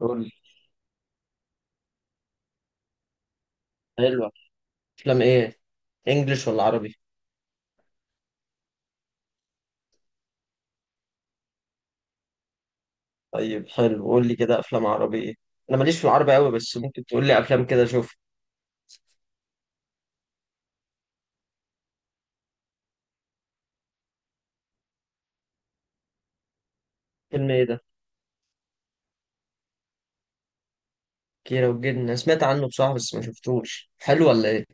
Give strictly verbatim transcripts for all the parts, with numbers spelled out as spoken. قول لي. حلوة. افلام ايه؟ انجليش ولا عربي؟ طيب حلو، قول لي كده افلام عربي ايه. انا ماليش في العربي قوي بس ممكن تقول لي افلام كده، شوف. فيلم ايه ده؟ كيرة والجن انا سمعت عنه بصراحة بس ما شفتوش، حلو ولا ايه؟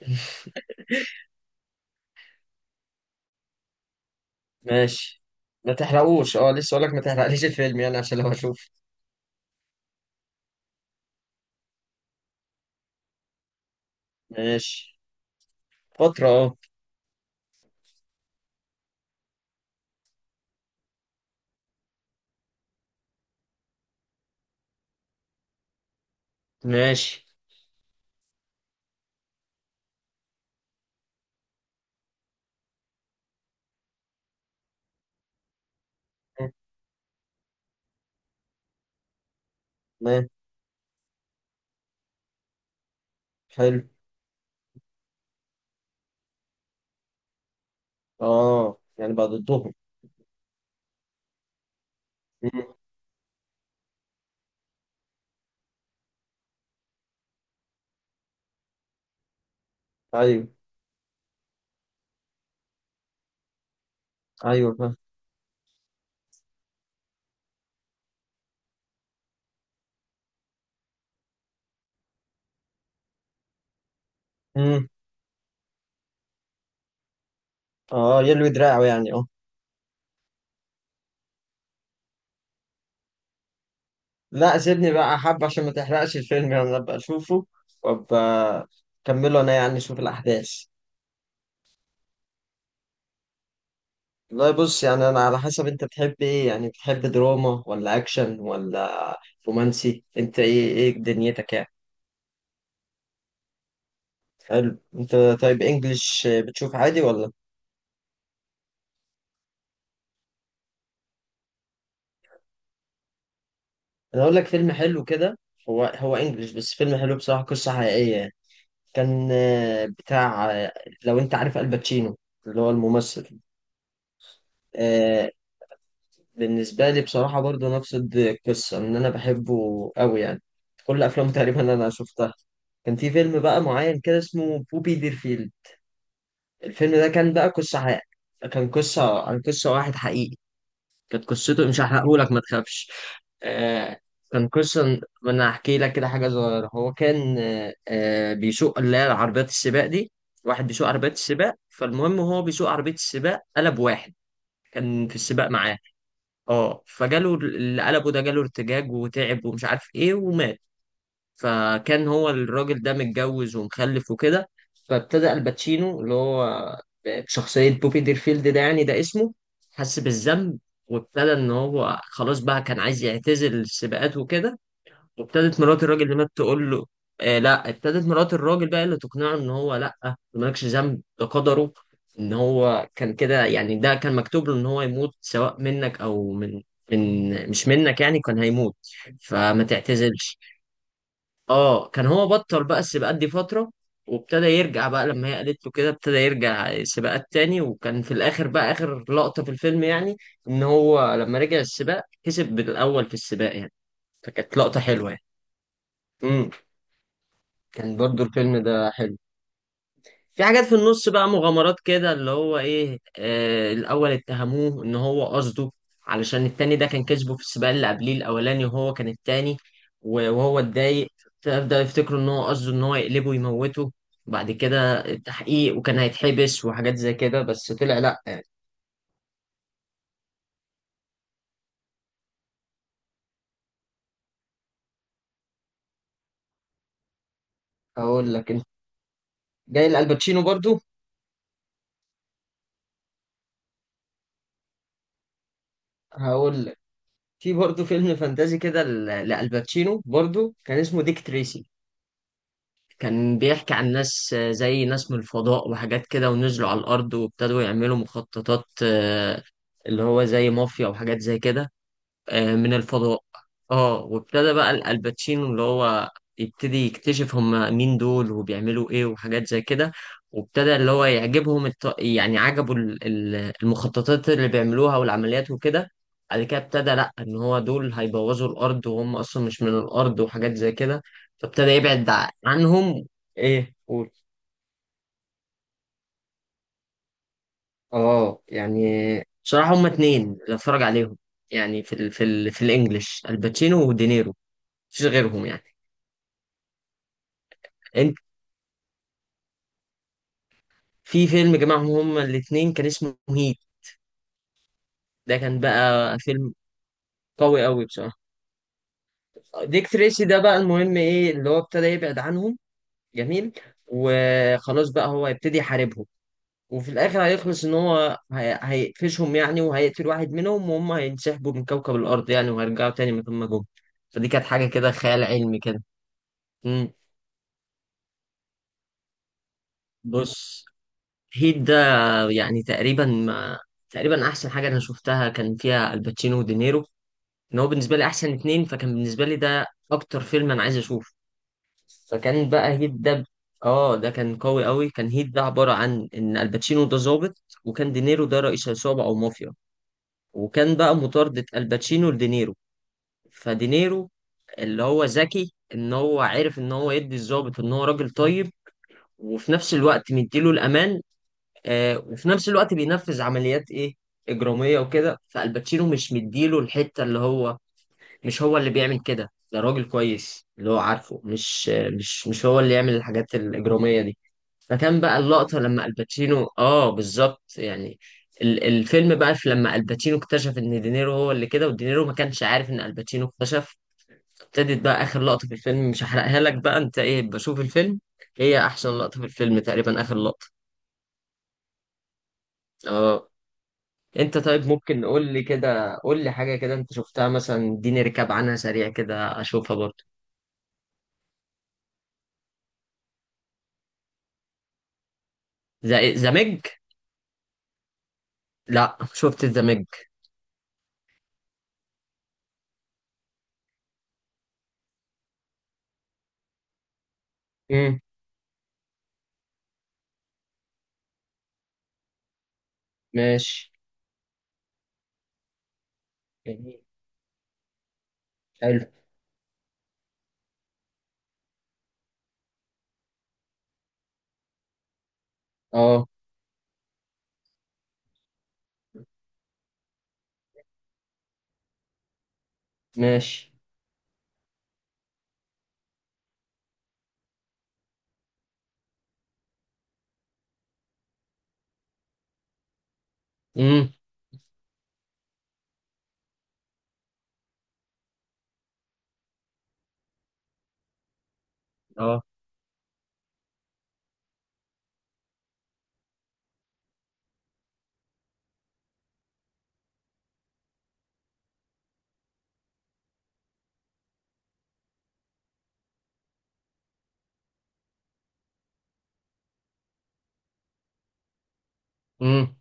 ماشي. ما تحرقوش اه لسه، اقول لك ما تحرقليش الفيلم يعني عشان لو اشوف. ماشي. فترة اه. ماشي. تمام. حلو. اه يعني بقى ضدهم. مم. ايوه. ايوه فاهم. مم. اه يلوي دراعه يعني اه. لا سيبني بقى حب، عشان ما تحرقش الفيلم يعني ابقى اشوفه، وابقى اكمله انا يعني، اشوف الاحداث. والله بص يعني انا على حسب انت بتحب ايه يعني، بتحب دراما ولا اكشن ولا رومانسي؟ انت ايه ايه دنيتك يعني؟ حلو انت. طيب انجلش بتشوف عادي ولا؟ انا اقول لك فيلم حلو كده. هو هو انجلش بس فيلم حلو بصراحة، قصة حقيقية يعني. كان آه، بتاع، آه، لو انت عارف الباتشينو، اللي هو الممثل. آه، بالنسبة لي بصراحة برضه نفس القصة، إن أنا بحبه أوي يعني. كل أفلامه تقريبا أنا شفتها. كان في فيلم بقى معين كده اسمه بوبي ديرفيلد. الفيلم ده كان بقى قصة حقيقية، كان قصة عن قصة واحد حقيقي. كانت قصته، مش هحرقهولك ما تخافش. آه كان قصة، ما أنا هحكي لك كده حاجة صغيرة. هو كان آه آه، بيسوق اللي هي عربيات السباق دي، واحد بيسوق عربيات السباق. فالمهم هو بيسوق عربية السباق، قلب واحد كان في السباق معاه، اه فجاله اللي قلبه ده جاله ارتجاج وتعب ومش عارف ايه ومات. فكان هو الراجل ده متجوز ومخلف وكده. فابتدى الباتشينو اللي هو بشخصية بوبي ديرفيلد ده، يعني ده اسمه، حس بالذنب. وابتدى ان هو خلاص بقى كان عايز يعتزل السباقات وكده. وابتدت مرات الراجل اللي مات تقول له، آه لا ابتدت مرات الراجل بقى اللي تقنعه ان هو لا، ده مالكش ذنب ده قدره، ان هو كان كده يعني، ده كان مكتوب له ان هو يموت سواء منك او من، من مش منك يعني كان هيموت. فما تعتزلش. اه كان هو بطل بقى السباقات دي فترة، وابتدى يرجع بقى لما هي قالت له كده، ابتدى يرجع سباقات تاني. وكان في الاخر بقى اخر لقطة في الفيلم يعني، ان هو لما رجع السباق كسب بالاول في السباق يعني، فكانت لقطة حلوة يعني. مم. كان برضو الفيلم ده حلو. في حاجات في النص بقى، مغامرات كده اللي هو ايه، آه الاول اتهموه ان هو قصده، علشان التاني ده كان كسبه في السباق اللي قبليه الاولاني وهو كان التاني، و- وهو اتضايق. فبدأ يفتكروا ان هو قصده ان هو يقلبه ويموته. بعد كده التحقيق، وكان هيتحبس وحاجات زي كده بس طلع لا يعني. هقول لك انت، جاي لالباتشينو برضو. هقول لك، في برضو فيلم فانتازي كده ل- لالباتشينو برضو، كان اسمه ديك تريسي. كان بيحكي عن ناس آه، زي ناس من الفضاء وحاجات كده، ونزلوا على الأرض وابتدوا يعملوا مخططات، آه، اللي هو زي مافيا وحاجات زي كده، آه، من الفضاء. اه وابتدى بقى الالباتشينو اللي هو يبتدي يكتشف هم مين دول وبيعملوا ايه وحاجات زي كده. وابتدى اللي هو يعجبهم الط... يعني عجبوا ال- ال- المخططات اللي بيعملوها والعمليات وكده. بعد كده ابتدى لا، ان هو دول هيبوظوا الارض وهم اصلا مش من الارض وحاجات زي كده. فابتدى يبعد ع- عنهم. ايه قول. اه يعني بصراحة هما اتنين اللي اتفرج عليهم يعني، في ال... في ال... في الانجليش، الباتشينو ودينيرو، مفيش غيرهم يعني. في فيلم جمعهم هما الاتنين كان اسمه هيت. ده كان بقى فيلم قوي قوي بصراحة. ديك تريسي ده بقى المهم ايه، اللي هو ابتدى يبعد عنهم، جميل. وخلاص بقى هو هيبتدي يحاربهم. وفي الاخر هيخلص ان هو هي- هيقفشهم يعني، وهيقتل واحد منهم، وهم هينسحبوا من كوكب الارض يعني، وهيرجعوا تاني مكان ما جم. فدي كانت حاجة كده خيال علمي كده. مم. بص، هيت ده يعني تقريبا ما تقريبا احسن حاجة انا شفتها، كان فيها الباتشينو ودينيرو. ان هو بالنسبه لي احسن اتنين، فكان بالنسبه لي ده اكتر فيلم انا عايز اشوفه. فكان بقى هيت ده ب- اه ده كان قوي قوي. كان هيت ده عباره عن ان الباتشينو ده ظابط، وكان دينيرو ده رئيس عصابه او مافيا. وكان بقى مطاردة الباتشينو لدينيرو. فدينيرو اللي هو ذكي، ان هو عرف ان هو يدي الظابط ان هو راجل طيب، وفي نفس الوقت مديله الامان، آه وفي نفس الوقت بينفذ عمليات ايه، اجراميه وكده. فالباتشينو مش مديله الحته، اللي هو مش هو اللي بيعمل كده، ده راجل كويس اللي هو عارفه، مش مش مش هو اللي يعمل الحاجات الإجرامية دي. فكان بقى اللقطة لما الباتشينو اه، بالظبط يعني. ال- الفيلم بقى في، لما الباتشينو اكتشف ان دينيرو هو اللي كده، ودينيرو ما كانش عارف ان الباتشينو اكتشف. ابتدت بقى اخر لقطة في الفيلم، مش هحرقها لك بقى، انت ايه بشوف الفيلم. هي احسن لقطة في الفيلم تقريبا، اخر لقطة. اه انت طيب، ممكن قول لي كده، قول لي حاجة كده انت شفتها مثلا، اديني ركاب عنها سريع كده اشوفها برضه. ذا ذا ميج؟ لا شفت الدمج. امم. ماشي. جميل. حلو. اه. ماشي. امم. اه. امم.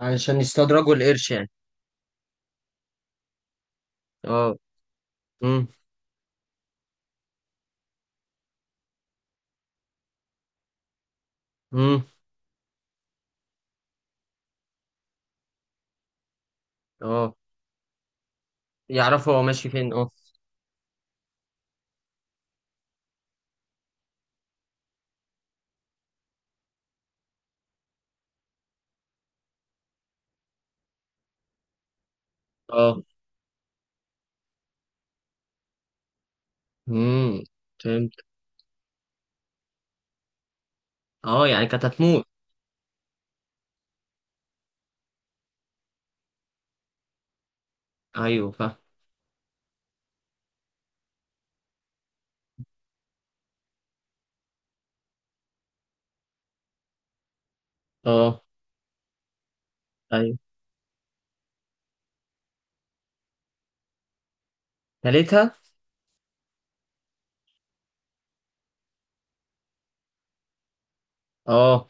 علشان يستدرجوا القرش يعني. اه. امم. امم. اه يعرفوا هو ماشي فين اه. اه. امم. فهمت. اه يعني كانت هتموت. ايوه فاهم. اه. ايوه. تالتها. اه.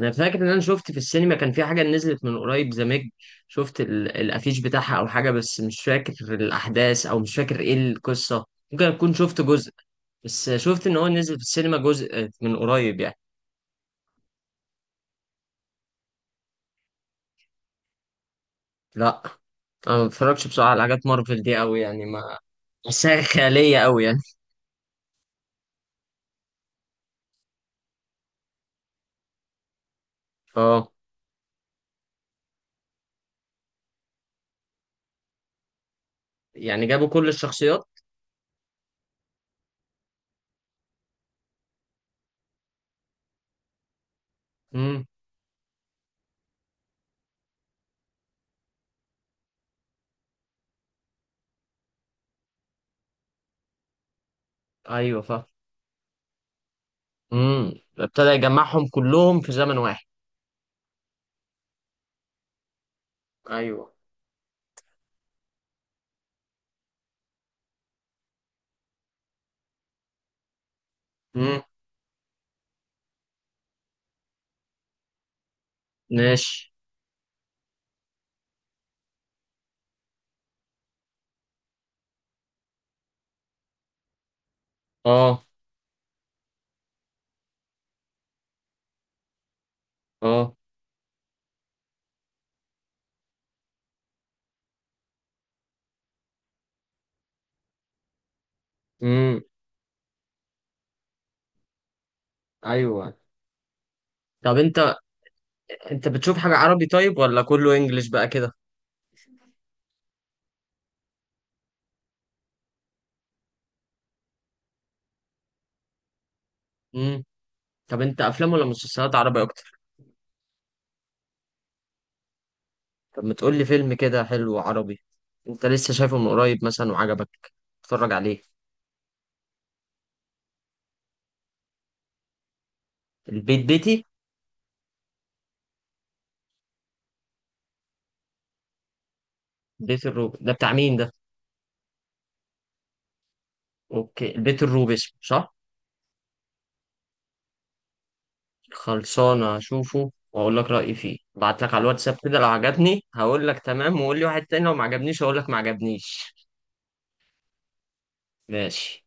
انا فاكر ان انا شفت في السينما كان في حاجه نزلت من قريب زمج، شفت ال- الافيش بتاعها او حاجه، بس مش فاكر الاحداث او مش فاكر ايه القصه. ممكن اكون شفت جزء. بس شفت ان هو نزل في السينما جزء من قريب يعني. لا انا ما بتفرجش بصراحه على حاجات مارفل دي قوي يعني، ما بحسها خياليه قوي يعني. اه يعني جابوا كل الشخصيات. امم. ايوه فاهم. امم. ابتدى يجمعهم كلهم في زمن واحد. ايوه. امم. ماشي. اه. اه. امم. ايوه. طب انت، انت بتشوف حاجه عربي طيب ولا كله انجليش بقى كده؟ امم. طب انت افلام ولا مسلسلات عربي؟ طب ما تقول لي فيلم كده حلو عربي، انت لسه شايفه من قريب مثلا وعجبك، اتفرج عليه. البيت بيتي. بيت الروب ده بتاع مين ده؟ اوكي البيت الروب اسمه صح. خلصانه اشوفه واقول لك رايي فيه، ابعت لك على الواتساب كده، لو عجبني هقول لك تمام وقول لي واحد تاني، لو ما عجبنيش هقول لك ما عجبنيش. ماشي.